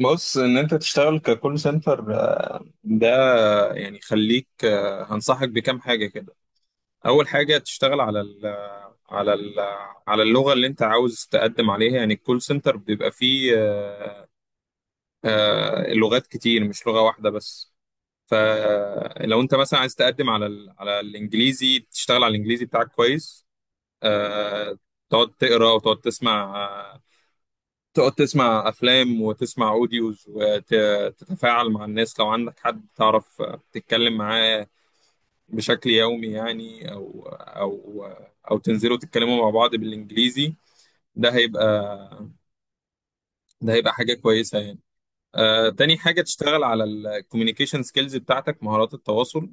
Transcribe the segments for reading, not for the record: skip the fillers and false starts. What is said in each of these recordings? بص، ان انت تشتغل ككول سنتر ده. يعني خليك، هنصحك بكام حاجه كده. اول حاجه تشتغل على ال على اللغه اللي انت عاوز تقدم عليها. يعني الكول سنتر بيبقى فيه لغات كتير، مش لغه واحده بس. فلو انت مثلا عايز تقدم على الانجليزي، تشتغل على الانجليزي بتاعك كويس. آه، تقعد تقرا، وتقعد تسمع، تقعد تسمع افلام، وتسمع اوديوز، وتتفاعل مع الناس. لو عندك حد تعرف، تتكلم معاه بشكل يومي يعني، او تنزلوا تتكلموا مع بعض بالانجليزي. ده هيبقى ده هيبقى حاجة كويسة يعني. تاني حاجة، تشتغل على الكوميونيكيشن سكيلز بتاعتك، مهارات التواصل.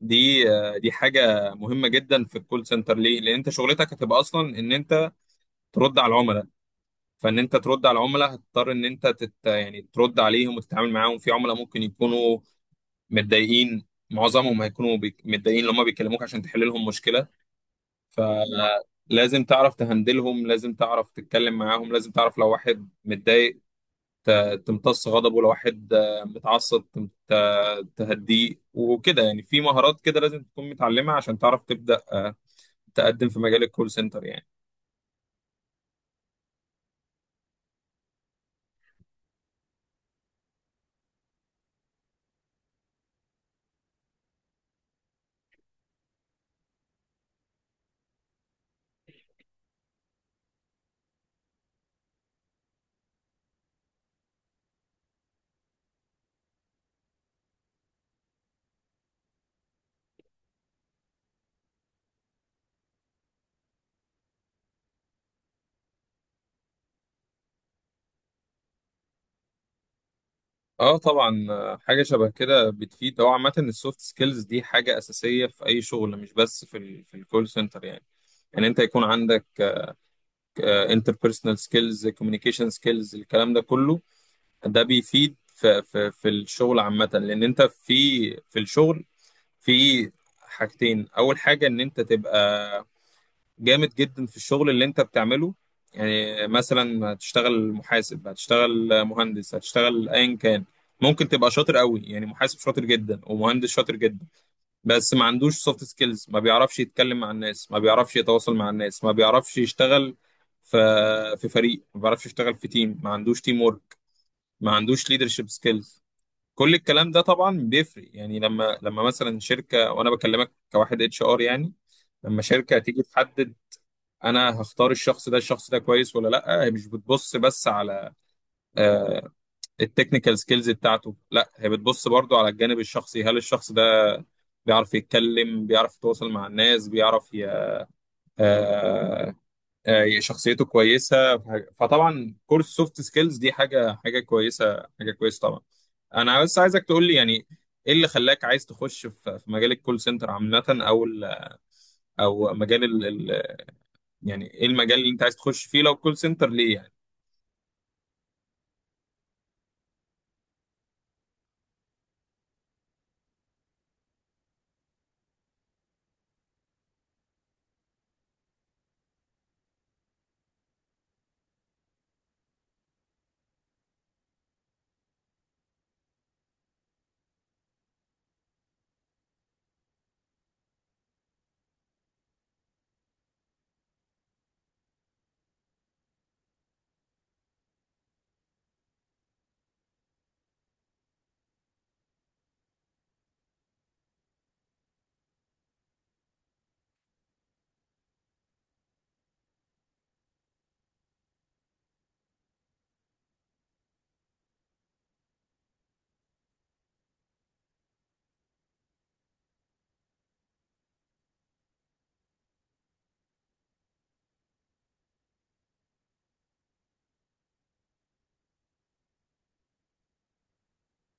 دي حاجة مهمة جدا في الكول سنتر. ليه؟ لأن أنت شغلتك هتبقى أصلا إن أنت ترد على العملاء. فان انت ترد على العملاء، هتضطر ان انت يعني ترد عليهم وتتعامل معاهم. في عملاء ممكن يكونوا متضايقين، معظمهم هيكونوا متضايقين لما بيكلموك عشان تحل لهم مشكله. فلازم تعرف تهندلهم، لازم تعرف تتكلم معاهم، لازم تعرف لو واحد متضايق تمتص غضبه، لو واحد متعصب تهديه، وكده يعني. في مهارات كده لازم تكون متعلمها عشان تعرف تبدأ تقدم في مجال الكول سنتر يعني. اه طبعا، حاجه شبه كده بتفيد. هو عامه السوفت سكيلز دي حاجه اساسيه في اي شغل، مش بس في الكول سنتر يعني. ان انت يكون عندك انتربيرسونال سكيلز، كوميونيكيشن سكيلز، الكلام ده كله ده بيفيد في الشغل عامه. لان انت في في الشغل، في حاجتين. اول حاجه ان انت تبقى جامد جدا في الشغل اللي انت بتعمله. يعني مثلا هتشتغل محاسب، هتشتغل مهندس، هتشتغل ايا كان، ممكن تبقى شاطر قوي، يعني محاسب شاطر جدا ومهندس شاطر جدا، بس ما عندوش سوفت سكيلز، ما بيعرفش يتكلم مع الناس، ما بيعرفش يتواصل مع الناس، ما بيعرفش يشتغل في في فريق، ما بيعرفش يشتغل في تيم، ما عندوش تيم ورك، ما عندوش ليدرشيب سكيلز. كل الكلام ده طبعا بيفرق. يعني لما مثلا شركة، وانا بكلمك كواحد اتش ار يعني، لما شركة تيجي تحدد انا هختار الشخص ده، الشخص ده كويس ولا لا، هي مش بتبص بس على آه، التكنيكال سكيلز بتاعته، لا هي بتبص برضو على الجانب الشخصي. هل الشخص ده بيعرف يتكلم، بيعرف يتواصل مع الناس، بيعرف ي... آه، آه، شخصيته كويسة، فطبعا كورس سوفت سكيلز دي حاجة كويسة، حاجة كويسة طبعا. انا بس عايزك تقول لي، يعني ايه اللي خلاك عايز تخش في مجال الكول سنتر عامة، او مجال ال- يعني، ايه المجال اللي انت عايز تخش فيه؟ لو كول سنتر، ليه يعني؟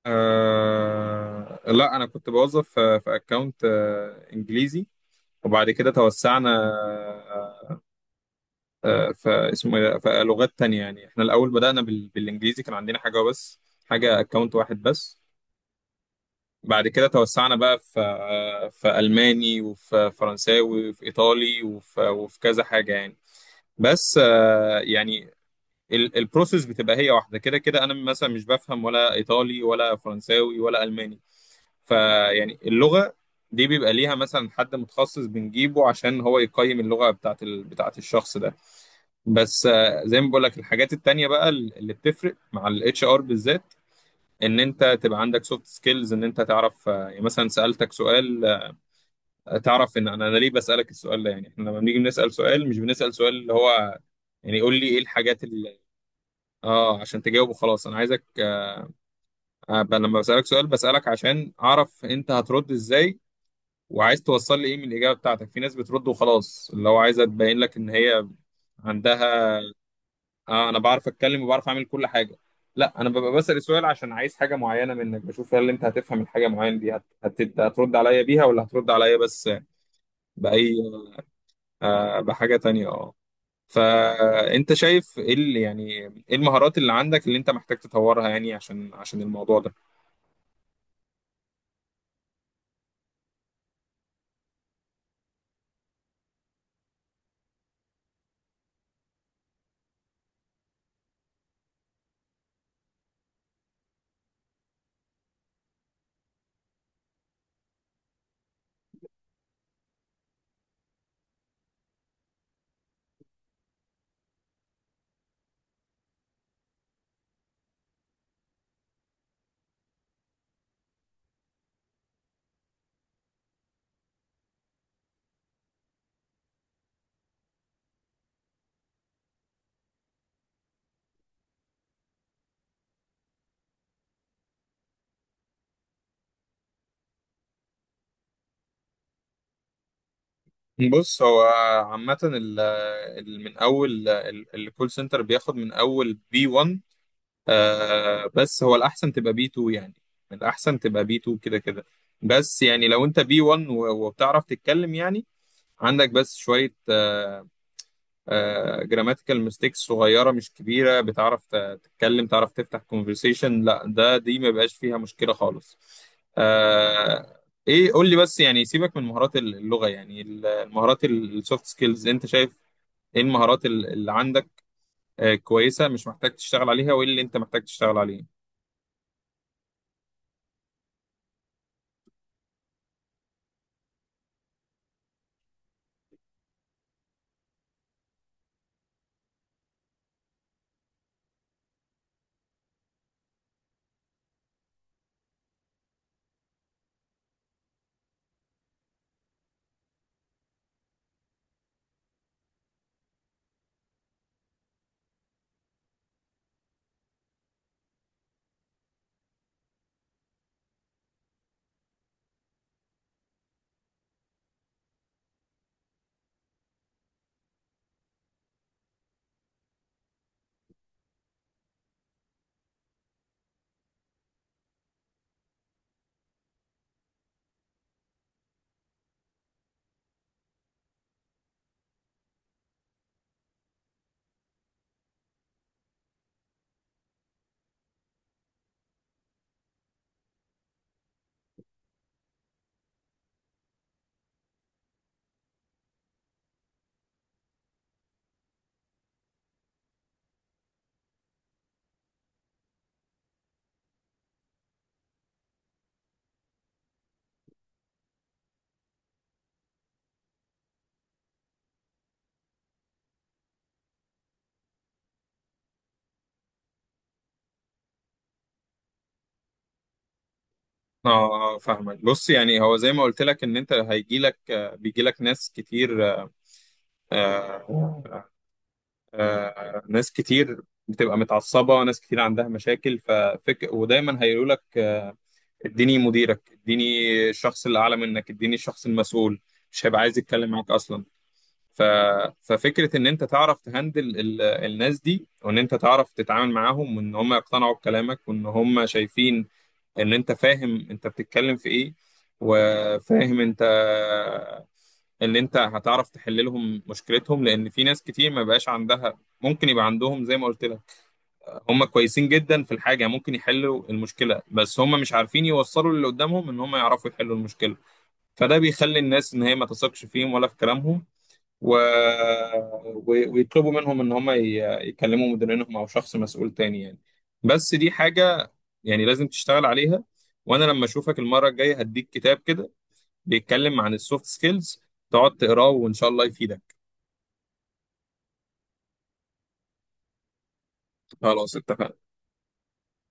لا، انا كنت بوظف في اكونت انجليزي، وبعد كده توسعنا. آه في، اسمه إيه ده؟ في لغات تانية يعني. احنا الاول بدأنا بالانجليزي، كان عندنا حاجة اكونت واحد بس. بعد كده توسعنا بقى في الماني، وفي فرنساوي، وفي ايطالي، وفي كذا حاجة يعني. بس يعني البروسيس بتبقى هي واحدة كده كده. انا مثلا مش بفهم ولا ايطالي ولا فرنساوي ولا الماني، فيعني اللغة دي بيبقى ليها مثلا حد متخصص بنجيبه عشان هو يقيم اللغة بتاعت الشخص ده. بس زي ما بقول لك، الحاجات التانية بقى اللي بتفرق مع الاتش ار بالذات، ان انت تبقى عندك سوفت سكيلز، ان انت تعرف، يعني مثلا سألتك سؤال، تعرف ان انا ليه بسألك السؤال ده. يعني احنا لما بنيجي بنسأل سؤال، مش بنسأل سؤال اللي هو يعني قول لي ايه الحاجات اللي، اه، عشان تجاوبه خلاص. انا عايزك، أبقى لما بسألك سؤال، بسألك عشان اعرف انت هترد ازاي، وعايز توصل لي ايه من الاجابه بتاعتك. في ناس بترد وخلاص، اللي هو عايزه تبين لك ان هي عندها، آه انا بعرف اتكلم وبعرف اعمل كل حاجه. لا، انا ببقى بسال سؤال عشان عايز حاجه معينه منك، بشوف هل انت هتفهم الحاجه معينه دي، هترد عليا بيها، ولا هترد عليا بس باي. آه، بحاجه تانية، اه. فانت شايف ايه اللي يعني، ايه المهارات اللي عندك اللي انت محتاج تطورها يعني، عشان الموضوع ده؟ بص، هو عامه من اول الكول سنتر بياخد من اول B1، بس هو الأحسن تبقى B2 يعني، الأحسن تبقى B2 كده كده. بس يعني لو أنت B1 وبتعرف تتكلم يعني، عندك بس شوية جراماتيكال ميستيكس صغيرة، مش كبيرة، بتعرف تتكلم، تعرف تفتح كونفرسيشن، لا دي ما بقاش فيها مشكلة خالص. آه إيه، قول لي بس، يعني سيبك من مهارات اللغة، يعني المهارات السوفت سكيلز، أنت شايف إيه المهارات اللي عندك كويسة مش محتاج تشتغل عليها، وإيه اللي أنت محتاج تشتغل عليه؟ اه اه، فاهمك. بص، يعني هو زي ما قلت لك، ان انت هيجي لك آه، بيجي لك ناس كتير، آه، آه، ناس كتير بتبقى متعصبة، ناس كتير عندها مشاكل. ودايما هيقولوا لك، اديني مديرك، اديني الشخص اللي اعلى منك، اديني الشخص المسؤول، مش هيبقى عايز يتكلم معاك اصلا. ف... ففكرة ان انت تعرف تهندل الناس دي، وان انت تعرف تتعامل معاهم، وان هم يقتنعوا بكلامك، وان هم شايفين ان انت فاهم انت بتتكلم في ايه، وفاهم انت ان انت هتعرف تحل لهم مشكلتهم. لان في ناس كتير ما بقاش عندها، ممكن يبقى عندهم زي ما قلت لك، هم كويسين جدا في الحاجه، ممكن يحلوا المشكله، بس هم مش عارفين يوصلوا للي قدامهم ان هم يعرفوا يحلوا المشكله، فده بيخلي الناس ان هي ما تثقش فيهم ولا في كلامهم، و... ويطلبوا منهم ان هم يكلموا مديرينهم او شخص مسؤول تاني يعني. بس دي حاجة يعني لازم تشتغل عليها. وانا لما اشوفك المرة الجاية، هديك كتاب كده بيتكلم عن السوفت سكيلز، تقعد تقراه، وان شاء الله يفيدك. خلاص، اتفقنا.